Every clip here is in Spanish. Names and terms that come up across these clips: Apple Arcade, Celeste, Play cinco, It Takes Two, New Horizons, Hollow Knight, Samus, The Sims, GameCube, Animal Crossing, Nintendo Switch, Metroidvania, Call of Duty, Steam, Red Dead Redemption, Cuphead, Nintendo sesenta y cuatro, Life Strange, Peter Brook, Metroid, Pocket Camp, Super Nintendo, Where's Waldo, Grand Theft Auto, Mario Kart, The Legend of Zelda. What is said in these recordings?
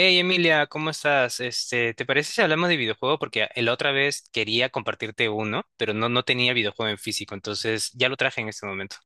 Hey Emilia, ¿cómo estás? Este, ¿te parece si hablamos de videojuego? Porque la otra vez quería compartirte uno, pero no tenía videojuego en físico, entonces ya lo traje en este momento.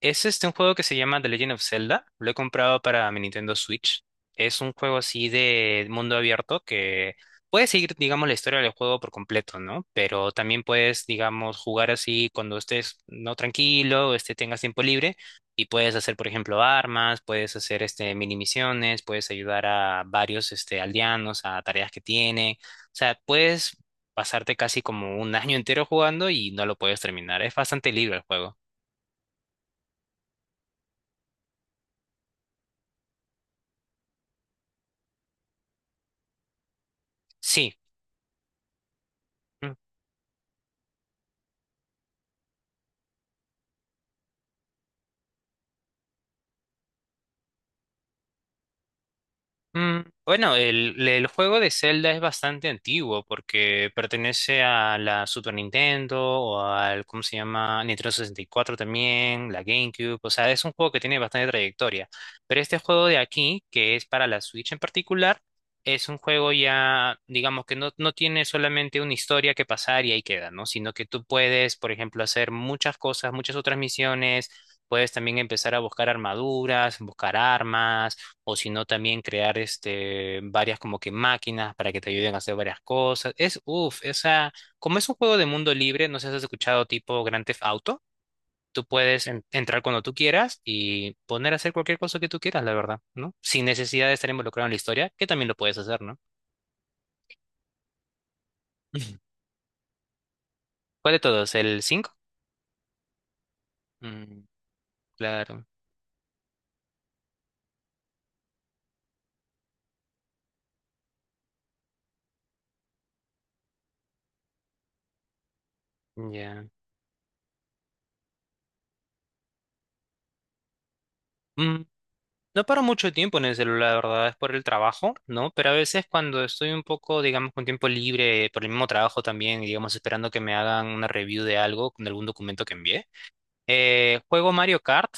Es este un juego que se llama The Legend of Zelda. Lo he comprado para mi Nintendo Switch. Es un juego así de mundo abierto que puedes seguir, digamos, la historia del juego por completo, ¿no? Pero también puedes, digamos, jugar así cuando estés no tranquilo, este tengas tiempo libre y puedes hacer, por ejemplo, armas, puedes hacer este mini misiones, puedes ayudar a varios este aldeanos a tareas que tienen. O sea, puedes pasarte casi como un año entero jugando y no lo puedes terminar. Es bastante libre el juego. Sí. Mm. Bueno, el juego de Zelda es bastante antiguo porque pertenece a la Super Nintendo o al, ¿cómo se llama? Nintendo sesenta y cuatro también, la GameCube, o sea, es un juego que tiene bastante trayectoria. Pero este juego de aquí, que es para la Switch en particular, es un juego ya, digamos que no tiene solamente una historia que pasar y ahí queda, ¿no? Sino que tú puedes, por ejemplo, hacer muchas cosas, muchas otras misiones, puedes también empezar a buscar armaduras, buscar armas o si no también crear este, varias como que máquinas para que te ayuden a hacer varias cosas. Es, uff, esa, como es un juego de mundo libre, no sé si has escuchado tipo Grand Theft Auto, tú puedes entrar cuando tú quieras y poner a hacer cualquier cosa que tú quieras, la verdad, ¿no? Sin necesidad de estar involucrado en la historia, que también lo puedes hacer, ¿no? ¿Cuál de todos? ¿El cinco? Mm, claro, ya. No paro mucho tiempo en el celular, la verdad, es por el trabajo, ¿no? Pero a veces cuando estoy un poco, digamos, con tiempo libre, por el mismo trabajo también, y digamos, esperando que me hagan una review de algo, de algún documento que envié, juego Mario Kart.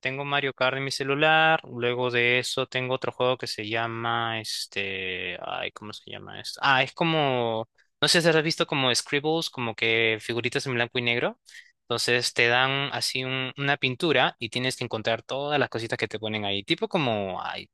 Tengo Mario Kart en mi celular. Luego de eso tengo otro juego que se llama este. Ay, ¿cómo se llama esto? Ah, es como. No sé si has visto como scribbles, como que figuritas en blanco y negro. Entonces te dan así una pintura y tienes que encontrar todas las cositas que te ponen ahí. Tipo como. Ay,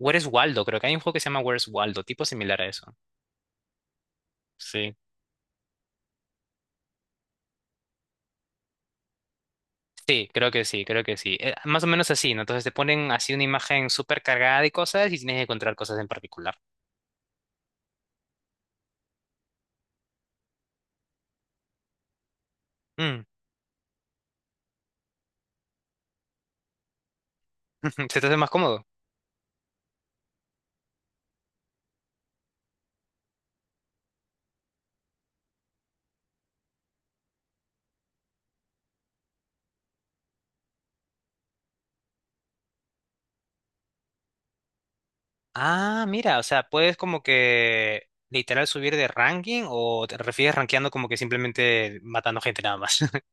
Where's Waldo? Creo que hay un juego que se llama Where's Waldo, tipo similar a eso. Sí. Sí, creo que sí. Más o menos así, ¿no? Entonces te ponen así una imagen súper cargada de cosas y tienes que encontrar cosas en particular. Mm. ¿Se te hace más cómodo? Ah, mira, o sea, puedes como que literal subir de ranking o te refieres rankeando como que simplemente matando gente nada más.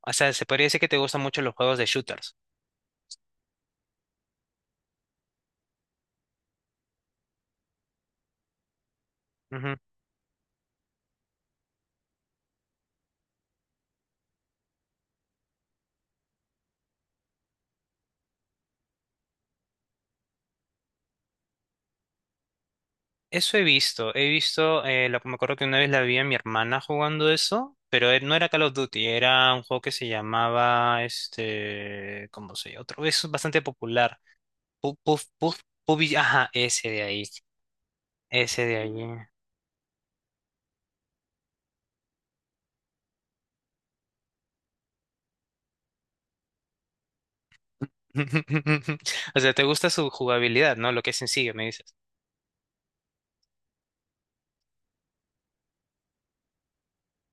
O sea, se podría decir que te gustan mucho los juegos de shooters. Eso he visto, me acuerdo que una vez la vi a mi hermana jugando eso, pero no era Call of Duty, era un juego que se llamaba, este, ¿cómo se llama? Otro, es bastante popular. Puf, puf, puf, ajá, ese de ahí, ese de ahí. O sea, te gusta su jugabilidad, ¿no? Lo que es sencillo, me dices.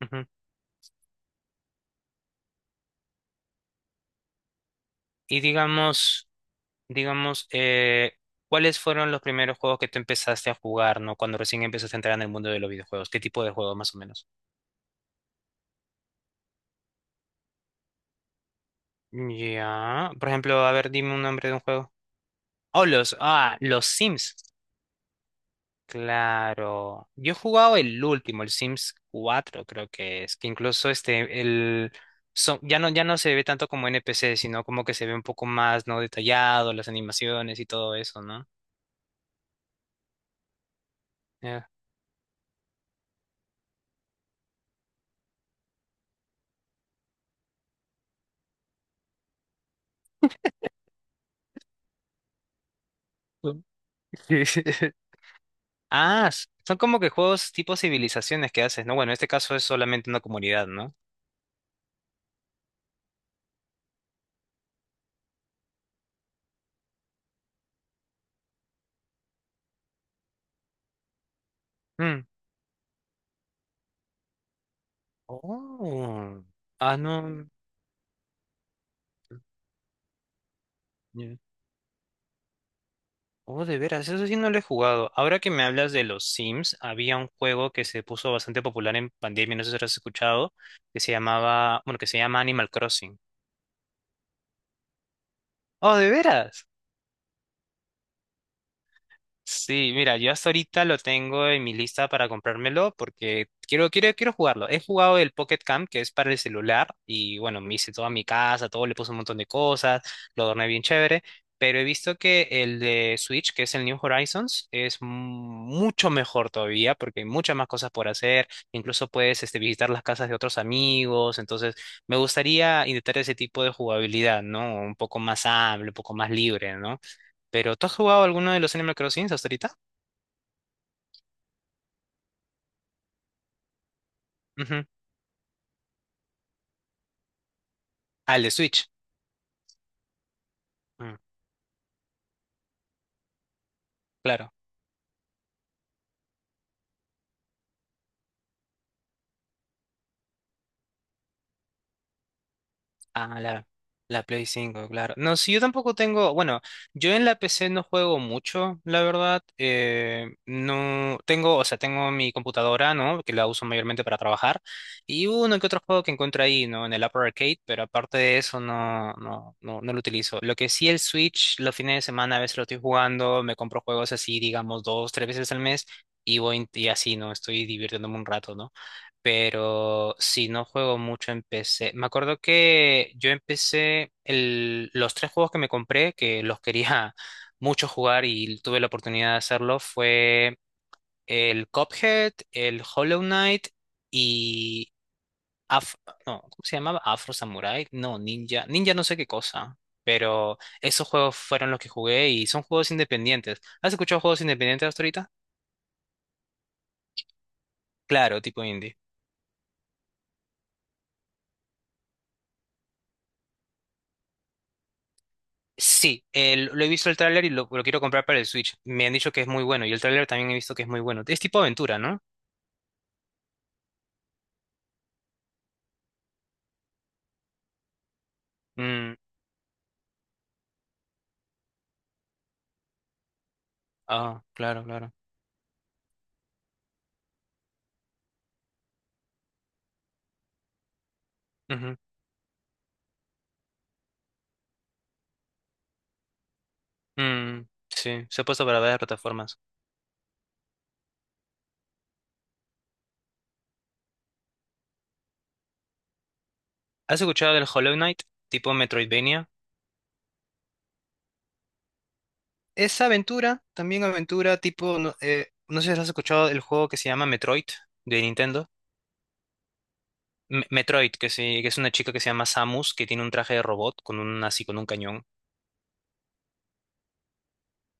Ujú. Y digamos, digamos, ¿cuáles fueron los primeros juegos que tú empezaste a jugar, ¿no? Cuando recién empezaste a entrar en el mundo de los videojuegos, ¿qué tipo de juegos más o menos? Ya. Por ejemplo, a ver, dime un nombre de un juego. Oh, los Sims. Claro. Yo he jugado el último, el Sims cuatro, creo que es. Que incluso este, el. Ya no, ya no se ve tanto como NPC, sino como que se ve un poco más, ¿no? Detallado, las animaciones y todo eso, ¿no? Ya. Mm. Ah, son como que juegos tipo civilizaciones que haces, ¿no? Bueno, en este caso es solamente una comunidad, ¿no? Mm. Oh. Ah, no. Oh, de veras, eso sí no lo he jugado. Ahora que me hablas de los Sims, había un juego que se puso bastante popular en pandemia, no sé si lo has escuchado, que se llamaba, bueno, que se llama Animal Crossing. Oh, de veras. Sí, mira, yo hasta ahorita lo tengo en mi lista para comprármelo porque quiero, quiero jugarlo. He jugado el Pocket Camp, que es para el celular, y bueno, me hice toda mi casa, todo, le puse un montón de cosas, lo adorné bien chévere, pero he visto que el de Switch, que es el New Horizons, es mucho mejor todavía porque hay muchas más cosas por hacer, incluso puedes este, visitar las casas de otros amigos, entonces me gustaría intentar ese tipo de jugabilidad, ¿no? Un poco más amplio, un poco más libre, ¿no? Pero ¿tú has jugado alguno de los Animal Crossing hasta ahorita? Ujú. Al de Switch. Mm, claro. Ah, la Play cinco, claro. No, si yo tampoco tengo, bueno, yo en la PC no juego mucho, la verdad. No tengo, o sea, tengo mi computadora, ¿no? Que la uso mayormente para trabajar. Y uno que otro juego que encuentro ahí, ¿no? En el Apple Arcade, pero aparte de eso no lo utilizo. Lo que sí el Switch, los fines de semana a veces lo estoy jugando, me compro juegos así, digamos, dos, tres veces al mes, y voy y así, ¿no? Estoy divirtiéndome un rato, ¿no? Pero sí, no juego mucho en PC. Me acuerdo que yo empecé los tres juegos que me compré, que los quería mucho jugar y tuve la oportunidad de hacerlo, fue el Cuphead, el Hollow Knight y... Af- no, ¿cómo se llamaba? Afro Samurai, no, Ninja, Ninja no sé qué cosa, pero esos juegos fueron los que jugué y son juegos independientes. ¿Has escuchado juegos independientes hasta ahorita? Claro, tipo indie. Sí, lo he visto el tráiler y lo quiero comprar para el Switch. Me han dicho que es muy bueno y el tráiler también he visto que es muy bueno. Es tipo aventura, ¿no? Mm, ah, claro. Ujú. Mm, sí, se ha puesto para varias plataformas. ¿Has escuchado del Hollow Knight, tipo Metroidvania? Es aventura, también aventura, tipo, no, no sé si has escuchado el juego que se llama Metroid de Nintendo. Metroid, que, sí, que es una chica que se llama Samus, que tiene un traje de robot con un, así con un cañón.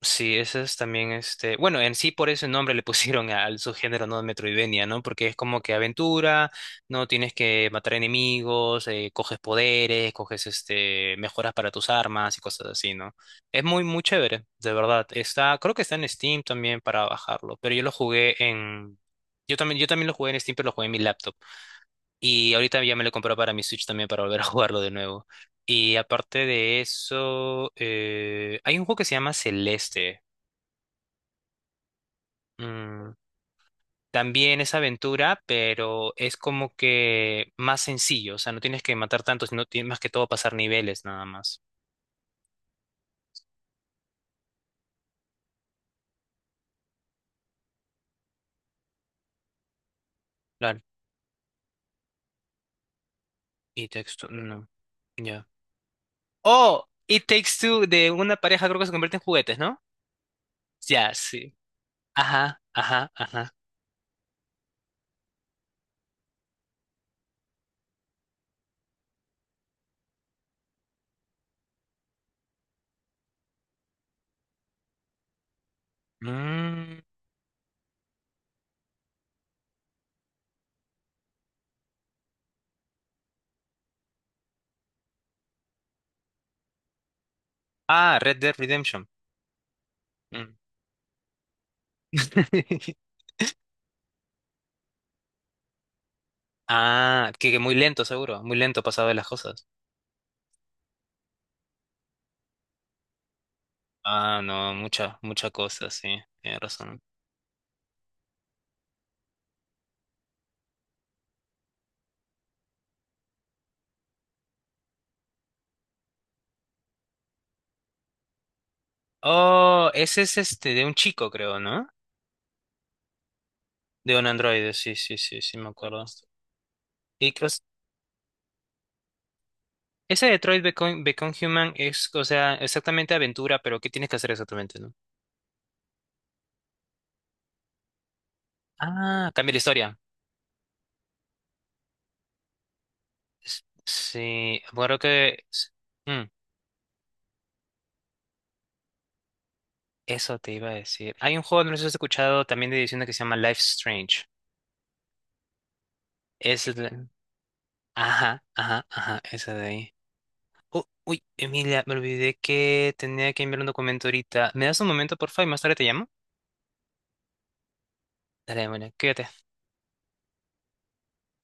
Sí, ese es también este. Bueno, en sí por ese nombre le pusieron al subgénero, ¿no? Metroidvania, ¿no? Porque es como que aventura, ¿no? Tienes que matar enemigos, coges poderes, coges este, mejoras para tus armas y cosas así, ¿no? Es muy chévere, de verdad. Está, creo que está en Steam también para bajarlo, pero yo lo jugué en. Yo también lo jugué en Steam, pero lo jugué en mi laptop. Y ahorita ya me lo compré para mi Switch también para volver a jugarlo de nuevo. Y aparte de eso, hay un juego que se llama Celeste. Mm, también es aventura, pero es como que más sencillo, o sea, no tienes que matar tantos sino tienes más que todo pasar niveles nada más. Claro. Y texto, no, ya. Oh, It Takes Two de una pareja creo que se convierte en juguetes, ¿no? Ya, sí. Ajá, ajá, ajá. Mm, ah, Red Dead Redemption. Mm. Ah, que muy lento seguro, muy lento pasado de las cosas. Ah, no, mucha cosa, sí, tienes razón. Oh, ese es este de un chico, creo, ¿no? De un androide, sí, sí, me acuerdo. Y que, o ese Become Human es, o sea, exactamente aventura, pero ¿qué tienes que hacer exactamente, no? Ah, cambia la historia. Es- Sí, bueno, que... s- mm, eso te iba a decir. Hay un juego, no sé si has escuchado, también de edición que se llama Life Strange. Es de- Ajá, ajá, ajá, esa de ahí. Oh, uy, Emilia, me olvidé que tenía que enviar un documento ahorita. ¿Me das un momento, por favor, y más tarde te llamo? Dale, bueno, cuídate.